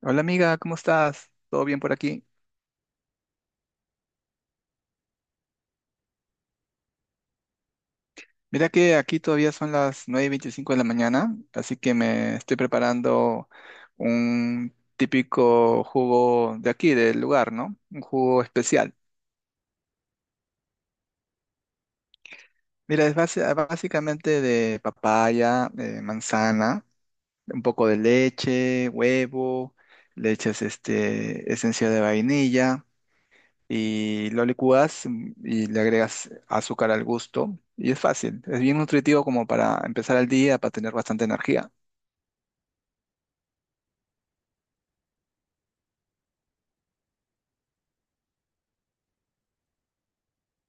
Hola amiga, ¿cómo estás? ¿Todo bien por aquí? Mira que aquí todavía son las 9:25 de la mañana, así que me estoy preparando un típico jugo de aquí, del lugar, ¿no? Un jugo especial. Mira, es básicamente de papaya, manzana, un poco de leche, huevo, leches este, esencia de vainilla. Y lo licúas, y le agregas azúcar al gusto y es fácil, es bien nutritivo como para empezar el día, para tener bastante energía.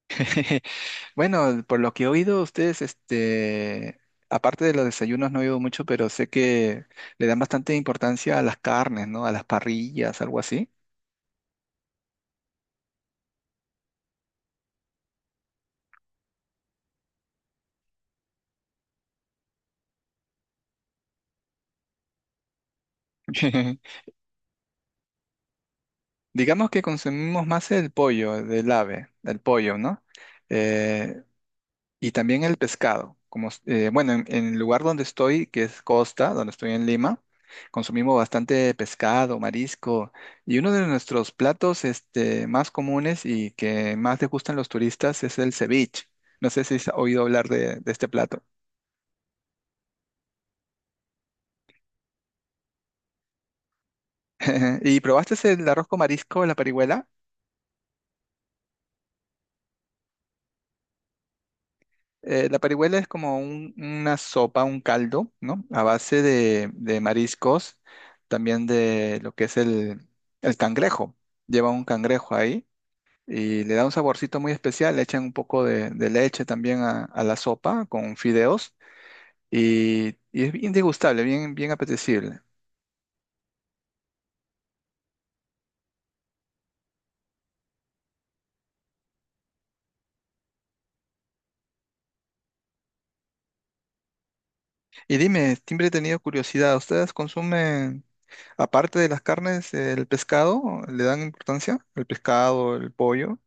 Bueno, por lo que he oído, ustedes, este, aparte de los desayunos no he oído mucho, pero sé que le dan bastante importancia a las carnes, ¿no? A las parrillas, algo así. Digamos que consumimos más el pollo del ave, el pollo, ¿no? Eh, y también el pescado. Bueno, en el lugar donde estoy, que es Costa, donde estoy en Lima, consumimos bastante pescado, marisco. Y uno de nuestros platos este, más comunes y que más les gustan los turistas es el ceviche. No sé si has oído hablar de este plato. ¿Y probaste el arroz con marisco, la parihuela? La parihuela es como una sopa, un caldo, ¿no? A base de mariscos, también de lo que es el cangrejo. Lleva un cangrejo ahí y le da un saborcito muy especial. Le echan un poco de leche también a la sopa con fideos y es bien degustable, bien, bien apetecible. Y dime, siempre he tenido curiosidad, ¿ustedes consumen, aparte de las carnes, el pescado? ¿Le dan importancia? ¿El pescado, el pollo?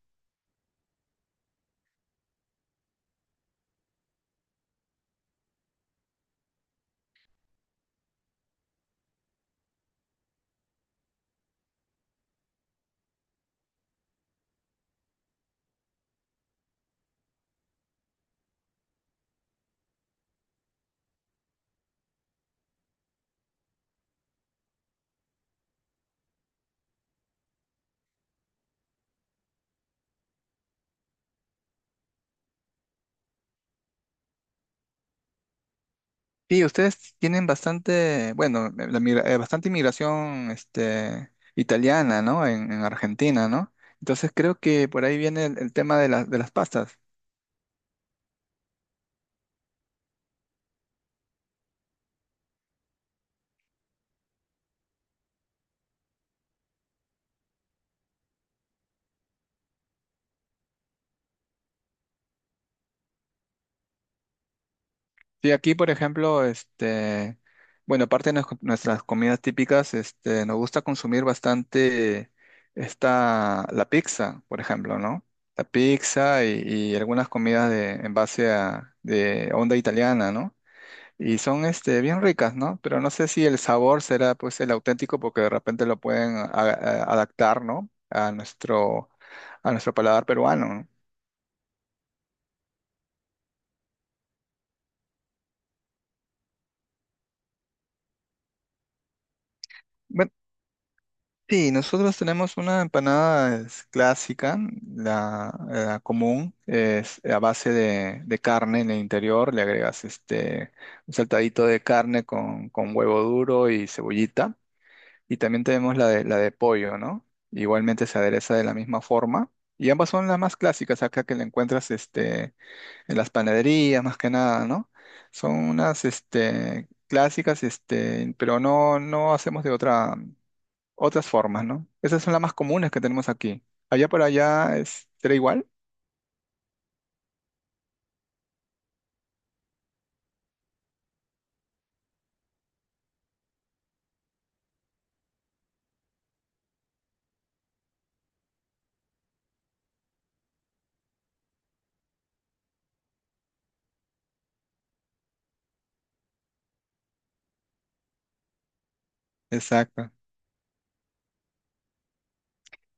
Sí, ustedes tienen bastante, bueno, bastante inmigración este, italiana, ¿no? En Argentina, ¿no? Entonces creo que por ahí viene el tema las de las pastas. Sí, aquí, por ejemplo, este, bueno, aparte de nuestras comidas típicas, este, nos gusta consumir bastante la pizza, por ejemplo, ¿no? La pizza y algunas comidas en base a de onda italiana, ¿no? Y son este, bien ricas, ¿no? Pero no sé si el sabor será pues el auténtico porque de repente lo pueden adaptar, ¿no? A nuestro paladar peruano, ¿no? Bueno, sí, nosotros tenemos una empanada clásica, la común, es a base de carne en el interior, le agregas este, un saltadito de carne con huevo duro y cebollita. Y también tenemos la de pollo, ¿no? Igualmente se adereza de la misma forma. Y ambas son las más clásicas acá que la encuentras este, en las panaderías, más que nada, ¿no? Son unas este, clásicas, este, pero no hacemos otras formas, ¿no? Esas son las más comunes que tenemos aquí. Allá por allá es, será igual. Exacto.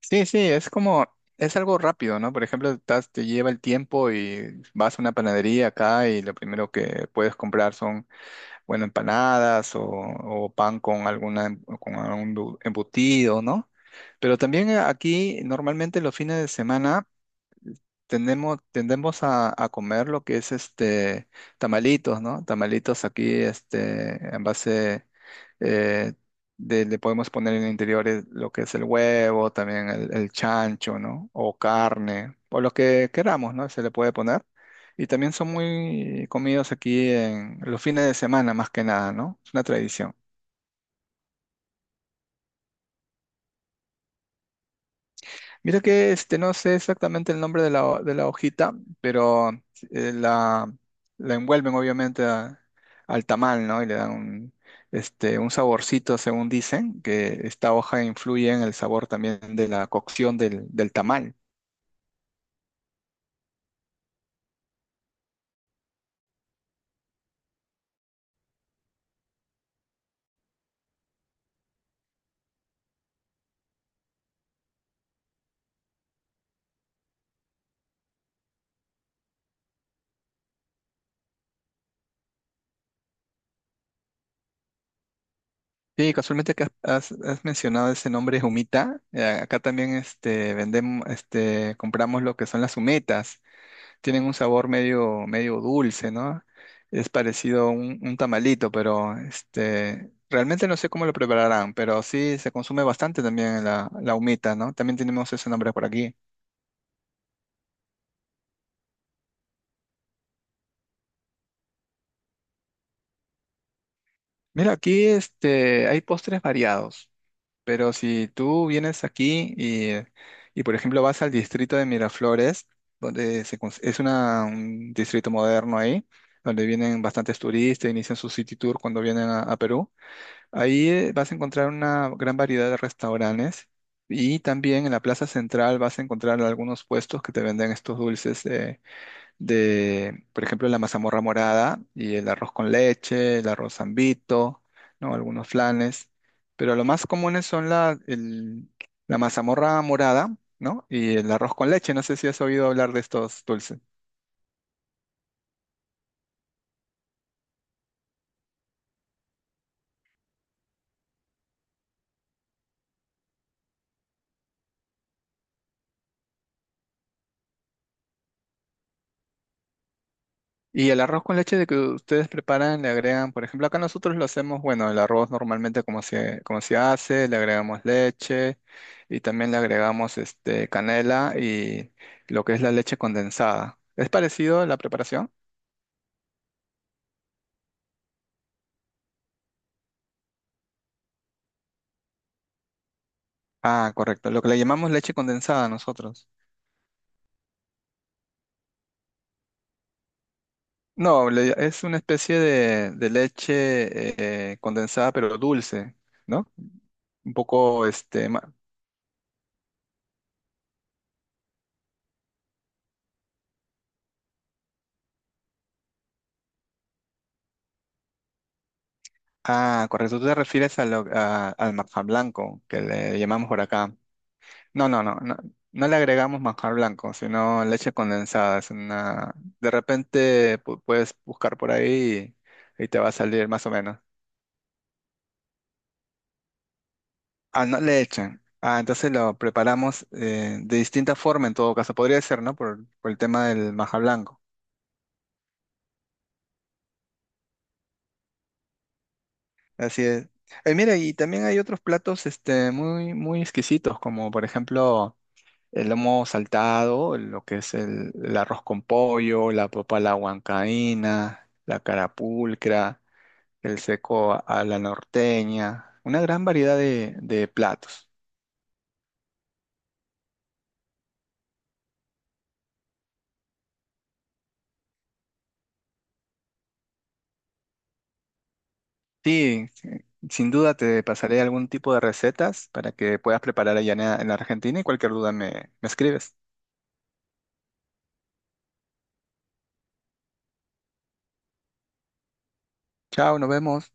Sí, sí, es como, es algo rápido, ¿no? Por ejemplo, te lleva el tiempo y vas a una panadería acá y lo primero que puedes comprar son bueno, empanadas o pan con con embutido, ¿no? Pero también aquí normalmente los fines de semana tenemos tendemos a comer lo que es este tamalitos, ¿no? Tamalitos aquí, este, en base eh, le podemos poner en interiores lo que es el huevo, también el chancho, ¿no? O carne, o lo que queramos, ¿no? Se le puede poner. Y también son muy comidos aquí en los fines de semana, más que nada, ¿no? Es una tradición. Mira que este, no sé exactamente el nombre de de la hojita, pero eh, la, la envuelven obviamente al tamal, ¿no? Y le dan este, un saborcito, según dicen, que esta hoja influye en el sabor también de la cocción del, del tamal. Sí, casualmente que mencionado ese nombre humita, acá también este, compramos lo que son las humetas. Tienen un sabor medio, medio dulce, ¿no? Es parecido a un tamalito, pero este, realmente no sé cómo lo prepararán, pero sí se consume bastante también la humita, ¿no? También tenemos ese nombre por aquí. Mira, aquí este, hay postres variados, pero si tú vienes aquí y, por ejemplo, vas al distrito de Miraflores, donde es un distrito moderno ahí, donde vienen bastantes turistas, inician su city tour cuando vienen a Perú. Ahí vas a encontrar una gran variedad de restaurantes y también en la plaza central vas a encontrar algunos puestos que te venden estos dulces de, por ejemplo, la mazamorra morada y el arroz con leche, el arroz zambito, ¿no? Algunos flanes. Pero lo más comunes son la mazamorra morada, ¿no? Y el arroz con leche. No sé si has oído hablar de estos dulces. Y el arroz con leche de que ustedes preparan, le agregan, por ejemplo, acá nosotros lo hacemos, bueno, el arroz normalmente como se hace, le agregamos leche y también le agregamos este canela y lo que es la leche condensada. ¿Es parecido a la preparación? Ah, correcto, lo que le llamamos leche condensada nosotros. No, le- es una especie de leche condensada pero dulce, ¿no? Un poco este, ma- Ah, correcto. Tú te refieres a lo- a- al manjar blanco, que le llamamos por acá. No, no, no, no. No le agregamos manjar blanco, sino leche condensada. Es una... De repente puedes buscar por ahí y te va a salir más o menos. Ah, no le echan. Ah, entonces lo preparamos de distinta forma en todo caso. Podría ser, ¿no? Por el tema del manjar blanco. Así es. Mira, y también hay otros platos este, muy, muy exquisitos, como por ejemplo, el lomo saltado, lo que es el arroz con pollo, la papa a la huancaína, la carapulcra, el seco a la norteña, una gran variedad de platos. Sí, sí, sin duda te pasaré algún tipo de recetas para que puedas preparar allá en Argentina y cualquier duda me escribes. Chao, nos vemos.